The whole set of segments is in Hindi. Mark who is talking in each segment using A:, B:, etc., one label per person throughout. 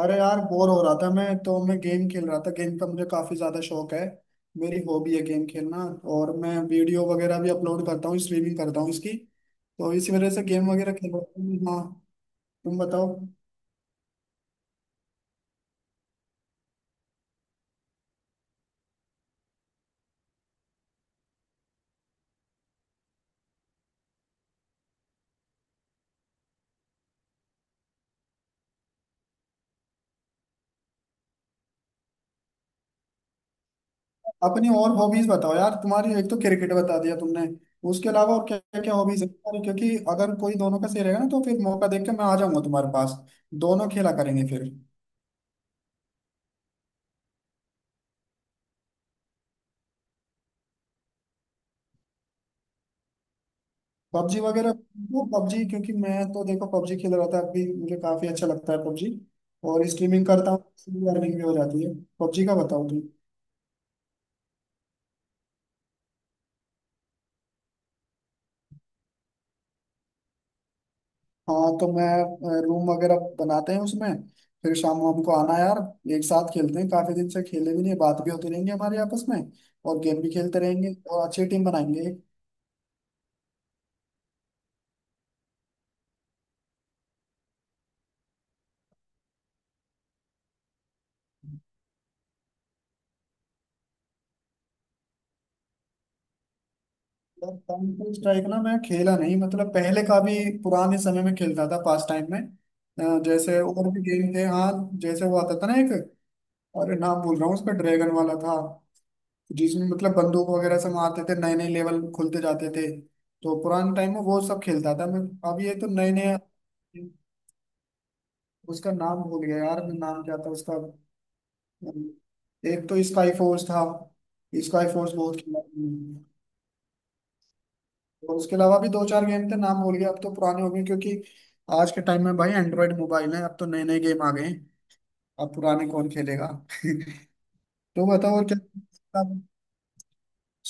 A: अरे यार बोर हो रहा था। मैं तो मैं गेम खेल रहा था। गेम का मुझे काफी ज्यादा शौक है। मेरी हॉबी है गेम खेलना। और मैं वीडियो वगैरह भी अपलोड करता हूँ, स्ट्रीमिंग करता हूँ इसकी। तो इसी वजह से गेम वगैरह खेल रहा हूँ, हाँ। तुम बताओ। अपनी और हॉबीज बताओ यार तुम्हारी, एक तो क्रिकेट बता दिया तुमने, उसके अलावा और क्या क्या हॉबीज है तुम्हारी? क्योंकि अगर कोई दोनों का सही रहेगा ना तो फिर मौका देख के मैं आ जाऊंगा तुम्हारे पास। दोनों खेला करेंगे फिर। पबजी वगैरह। वो पबजी क्योंकि मैं तो देखो पबजी खेल रहा था अभी, मुझे काफी अच्छा लगता है पबजी। और स्ट्रीमिंग करता हूँ, अर्निंग भी हो जाती है। पबजी का बताओ तुम। हाँ तो मैं रूम वगैरह बनाते हैं उसमें, फिर शाम को हमको आना यार, एक साथ खेलते हैं। काफी दिन से खेले भी नहीं है, बात भी होती रहेंगी हमारे आपस में और गेम भी खेलते रहेंगे और अच्छी टीम बनाएंगे। यार काउंटर स्ट्राइक ना मैं खेला नहीं, मतलब पहले का भी पुराने समय में खेलता था पास टाइम में, जैसे और भी गेम थे हाँ। जैसे वो आता था ना एक, अरे नाम बोल रहा हूँ उसका, ड्रैगन वाला था, जिसमें मतलब बंदूक वगैरह से मारते थे, नए नए लेवल खुलते जाते थे। तो पुराने टाइम में वो सब खेलता था मैं। अब ये तो नए नए, उसका नाम भूल गया यार मैं, नाम क्या था उसका? एक तो स्काई फोर्स था। स्काई फोर्स बहुत खेला मैंने। और उसके अलावा भी दो चार गेम थे नाम भूल गया, अब तो पुराने हो गए क्योंकि आज के टाइम में भाई एंड्रॉयड मोबाइल है, अब तो नए नए गेम आ गए हैं। अब पुराने कौन खेलेगा। तो बताओ और क्या,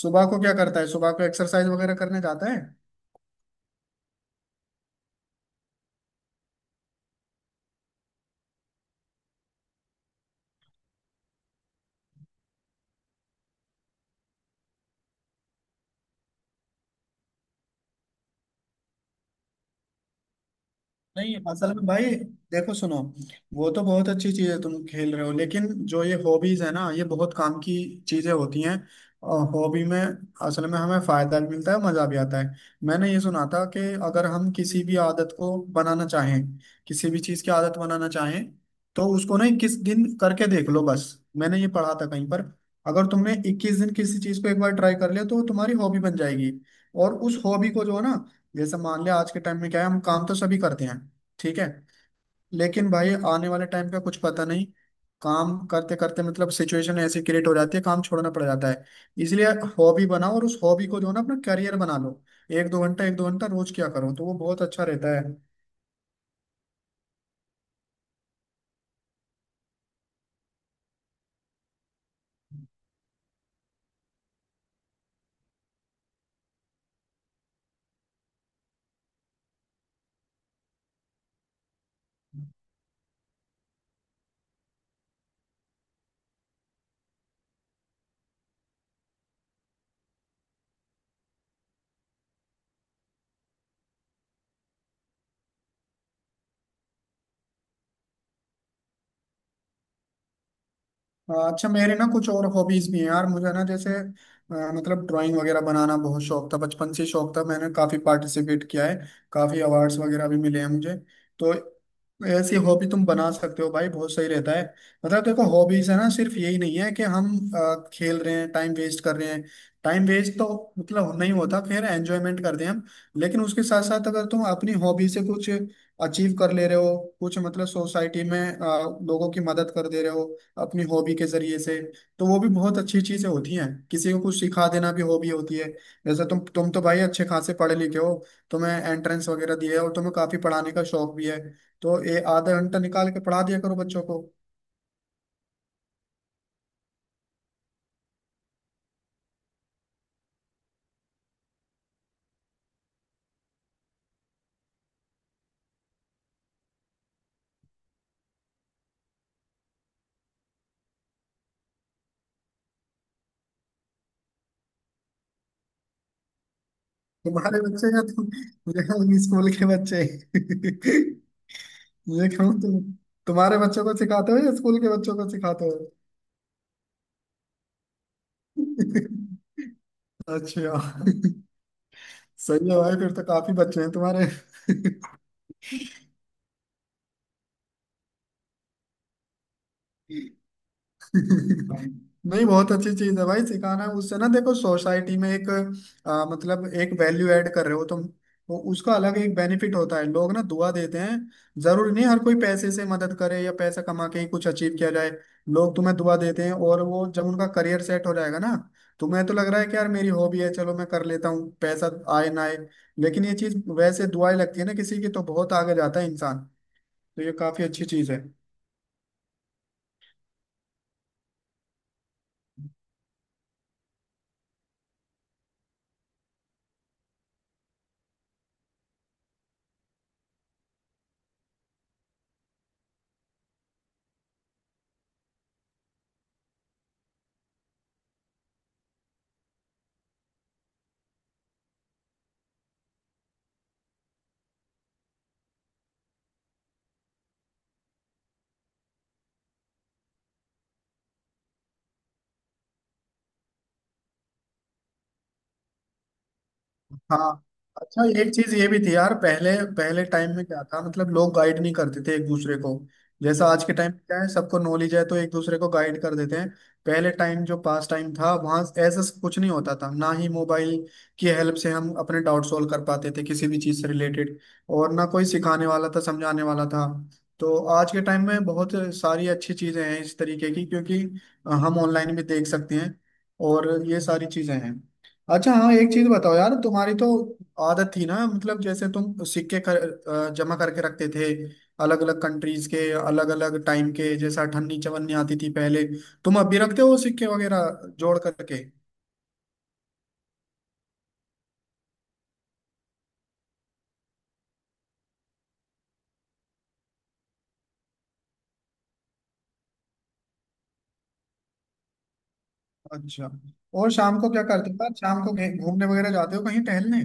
A: सुबह को क्या करता है, सुबह को एक्सरसाइज वगैरह करने जाता है? नहीं असल में भाई देखो सुनो, वो तो बहुत अच्छी चीज है तुम खेल रहे हो, लेकिन जो ये हॉबीज है ना, ये बहुत काम की चीजें होती हैं और हॉबी में असल में हमें फायदा भी मिलता है, मजा भी आता है। मैंने ये सुना था कि अगर हम किसी भी आदत को बनाना चाहें, किसी भी चीज की आदत बनाना चाहें, तो उसको ना 21 दिन करके देख लो बस। मैंने ये पढ़ा था कहीं पर। अगर तुमने 21 दिन किसी चीज को एक बार ट्राई कर लिया तो वो तुम्हारी हॉबी बन जाएगी। और उस हॉबी को जो है ना, जैसे मान लिया आज के टाइम में क्या है, हम काम तो सभी करते हैं ठीक है। लेकिन भाई आने वाले टाइम का कुछ पता नहीं, काम करते करते मतलब सिचुएशन ऐसी क्रिएट हो जाती है, काम छोड़ना पड़ जाता है, इसलिए हॉबी बनाओ और उस हॉबी को जो है ना अपना करियर बना लो। एक दो घंटा रोज क्या करो तो वो बहुत अच्छा रहता है। हाँ, अच्छा मेरे ना कुछ और हॉबीज भी हैं यार, मुझे ना जैसे मतलब ड्राइंग वगैरह बनाना बहुत शौक था, बचपन से शौक था, मैंने काफी पार्टिसिपेट किया है, काफी अवार्ड्स वगैरह भी मिले हैं मुझे। तो ऐसी हॉबी तुम बना सकते हो भाई, बहुत सही रहता है। मतलब देखो हॉबीज है ना, सिर्फ यही नहीं है कि हम खेल रहे हैं टाइम वेस्ट कर रहे हैं। टाइम वेस्ट तो मतलब नहीं होता, फिर एंजॉयमेंट करते हैं हम। लेकिन उसके साथ साथ अगर तुम अपनी हॉबी से कुछ अचीव कर ले रहे हो, कुछ मतलब सोसाइटी में लोगों की मदद कर दे रहे हो अपनी हॉबी के जरिए से, तो वो भी बहुत अच्छी चीजें होती हैं। किसी को कुछ सिखा देना भी हॉबी होती है। जैसे तुम तो भाई अच्छे खासे पढ़े लिखे हो, तुम्हें एंट्रेंस वगैरह दिए है और तुम्हें काफी पढ़ाने का शौक भी है, तो ये आधा घंटा निकाल के पढ़ा दिया करो बच्चों को। तुम्हारे बच्चे या तुम या स्कूल के बच्चे? ये कहूँ तुम, तुम्हारे बच्चों को सिखाते हो या स्कूल के बच्चों को सिखाते हो? अच्छा। सही है भाई, फिर तो काफी बच्चे हैं तुम्हारे। नहीं बहुत अच्छी चीज है भाई सिखाना, उससे ना देखो सोसाइटी में एक, मतलब एक वैल्यू ऐड कर रहे हो तुम। वो उसका अलग एक बेनिफिट होता है, लोग ना दुआ देते हैं। जरूरी नहीं हर कोई पैसे से मदद करे या पैसा कमा के ही कुछ अचीव किया जाए। लोग तुम्हें दुआ देते हैं और वो जब उनका करियर सेट हो जाएगा ना, तुम्हें तो लग रहा है कि यार मेरी हॉबी है चलो मैं कर लेता हूँ, पैसा आए ना आए। लेकिन ये चीज वैसे दुआएं लगती है ना किसी की, तो बहुत आगे जाता है इंसान। तो ये काफी अच्छी चीज है। हाँ अच्छा एक चीज ये भी थी यार, पहले पहले टाइम में क्या था मतलब लोग गाइड नहीं करते थे एक दूसरे को, जैसा आज के टाइम क्या है सबको नॉलेज है तो एक दूसरे को गाइड कर देते हैं। पहले टाइम जो पास टाइम था, वहाँ ऐसा कुछ नहीं होता था, ना ही मोबाइल की हेल्प से हम अपने डाउट सॉल्व कर पाते थे किसी भी चीज से रिलेटेड, और ना कोई सिखाने वाला था समझाने वाला था। तो आज के टाइम में बहुत सारी अच्छी चीजें हैं इस तरीके की, क्योंकि हम ऑनलाइन भी देख सकते हैं और ये सारी चीजें हैं। अच्छा हाँ, एक चीज बताओ यार, तुम्हारी तो आदत थी ना मतलब, जैसे तुम जमा करके रखते थे, अलग अलग कंट्रीज के अलग अलग टाइम के, जैसे अठन्नी चवन्नी आती थी पहले, तुम अब भी रखते हो सिक्के वगैरह जोड़ करके? अच्छा, और शाम को क्या करते हो यार, शाम को घूमने वगैरह जाते हो कहीं टहलने?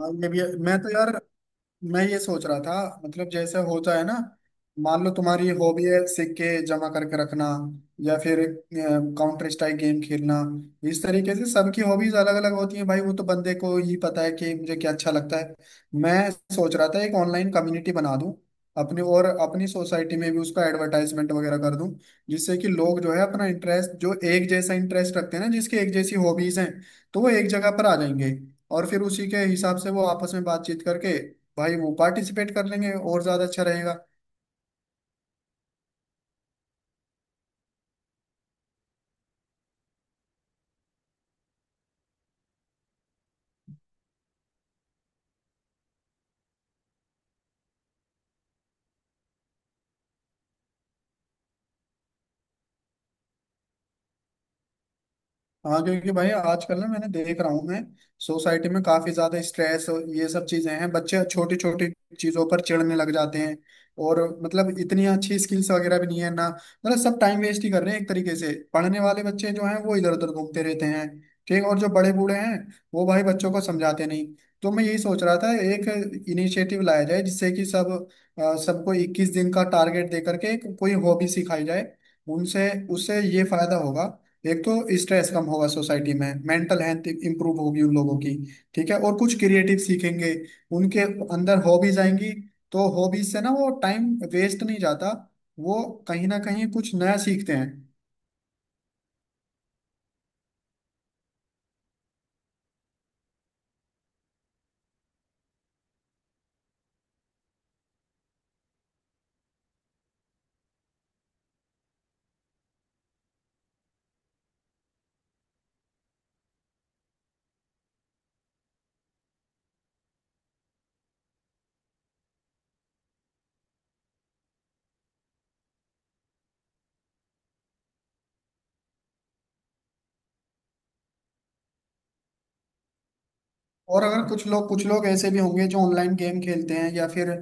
A: हाँ, ये भी है। मैं तो यार मैं ये सोच रहा था, मतलब जैसे होता है ना, मान लो तुम्हारी हॉबी है सिक्के जमा करके रखना, या फिर काउंटर स्ट्राइक गेम खेलना, इस तरीके से सबकी हॉबीज अलग अलग होती हैं भाई, वो तो बंदे को ही पता है कि मुझे क्या अच्छा लगता है। मैं सोच रहा था एक ऑनलाइन कम्युनिटी बना दूं, अपने और अपनी सोसाइटी में भी उसका एडवर्टाइजमेंट वगैरह कर दूं, जिससे कि लोग जो है अपना इंटरेस्ट, जो एक जैसा इंटरेस्ट रखते हैं ना, जिसके एक जैसी हॉबीज हैं, तो वो एक जगह पर आ जाएंगे और फिर उसी के हिसाब से वो आपस में बातचीत करके भाई वो पार्टिसिपेट कर लेंगे और ज्यादा अच्छा रहेगा। हाँ क्योंकि भाई आजकल ना, मैंने देख रहा हूँ मैं, सोसाइटी में काफी ज्यादा स्ट्रेस और ये सब चीजें हैं, बच्चे छोटी छोटी चीजों पर चिढ़ने लग जाते हैं और मतलब इतनी अच्छी स्किल्स वगैरह भी नहीं है ना, मतलब सब टाइम वेस्ट ही कर रहे हैं एक तरीके से, पढ़ने वाले बच्चे जो हैं वो इधर उधर घूमते रहते हैं ठीक, और जो बड़े बूढ़े हैं वो भाई बच्चों को समझाते नहीं। तो मैं यही सोच रहा था एक इनिशिएटिव लाया जाए जिससे कि सब, सबको 21 दिन का टारगेट दे करके कोई हॉबी सिखाई जाए, उनसे उससे ये फायदा होगा। एक तो स्ट्रेस कम होगा सोसाइटी में, मेंटल हेल्थ इंप्रूव होगी उन लोगों की ठीक है, और कुछ क्रिएटिव सीखेंगे, उनके अंदर हॉबीज आएंगी। तो हॉबीज से ना वो टाइम वेस्ट नहीं जाता, वो कहीं ना कहीं कुछ नया सीखते हैं। और अगर कुछ लोग ऐसे भी होंगे जो ऑनलाइन गेम खेलते हैं या फिर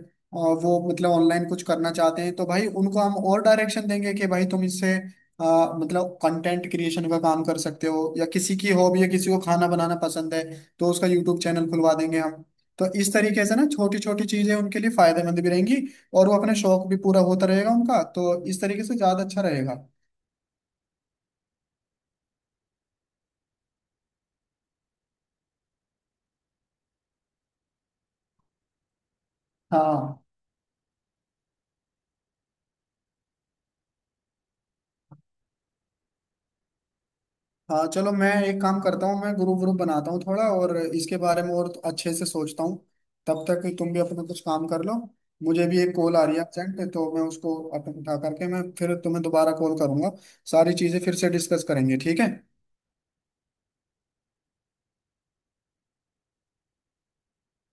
A: वो मतलब ऑनलाइन कुछ करना चाहते हैं, तो भाई उनको हम और डायरेक्शन देंगे कि भाई तुम इससे मतलब कंटेंट क्रिएशन का काम कर सकते हो, या किसी की हॉबी, या किसी को खाना बनाना पसंद है तो उसका यूट्यूब चैनल खुलवा देंगे हम। तो इस तरीके से ना छोटी छोटी चीजें उनके लिए फायदेमंद भी रहेंगी और वो अपने शौक भी पूरा होता रहेगा उनका, तो इस तरीके से ज्यादा अच्छा रहेगा। हाँ। हाँ चलो मैं एक काम करता हूँ, मैं ग्रुप ग्रुप बनाता हूँ थोड़ा, और इसके बारे में और अच्छे से सोचता हूँ, तब तक तुम भी अपना कुछ काम कर लो। मुझे भी एक कॉल आ रही है अर्जेंट, तो मैं उसको अपन उठा करके मैं फिर तुम्हें दोबारा कॉल करूंगा। सारी चीज़ें फिर से डिस्कस करेंगे ठीक है।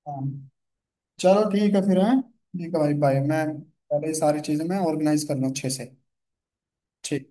A: हाँ चलो ठीक है, फिर है ठीक है भाई बाय, मैं पहले ये सारी चीज़ें मैं ऑर्गेनाइज कर लूँ अच्छे से। ठीक।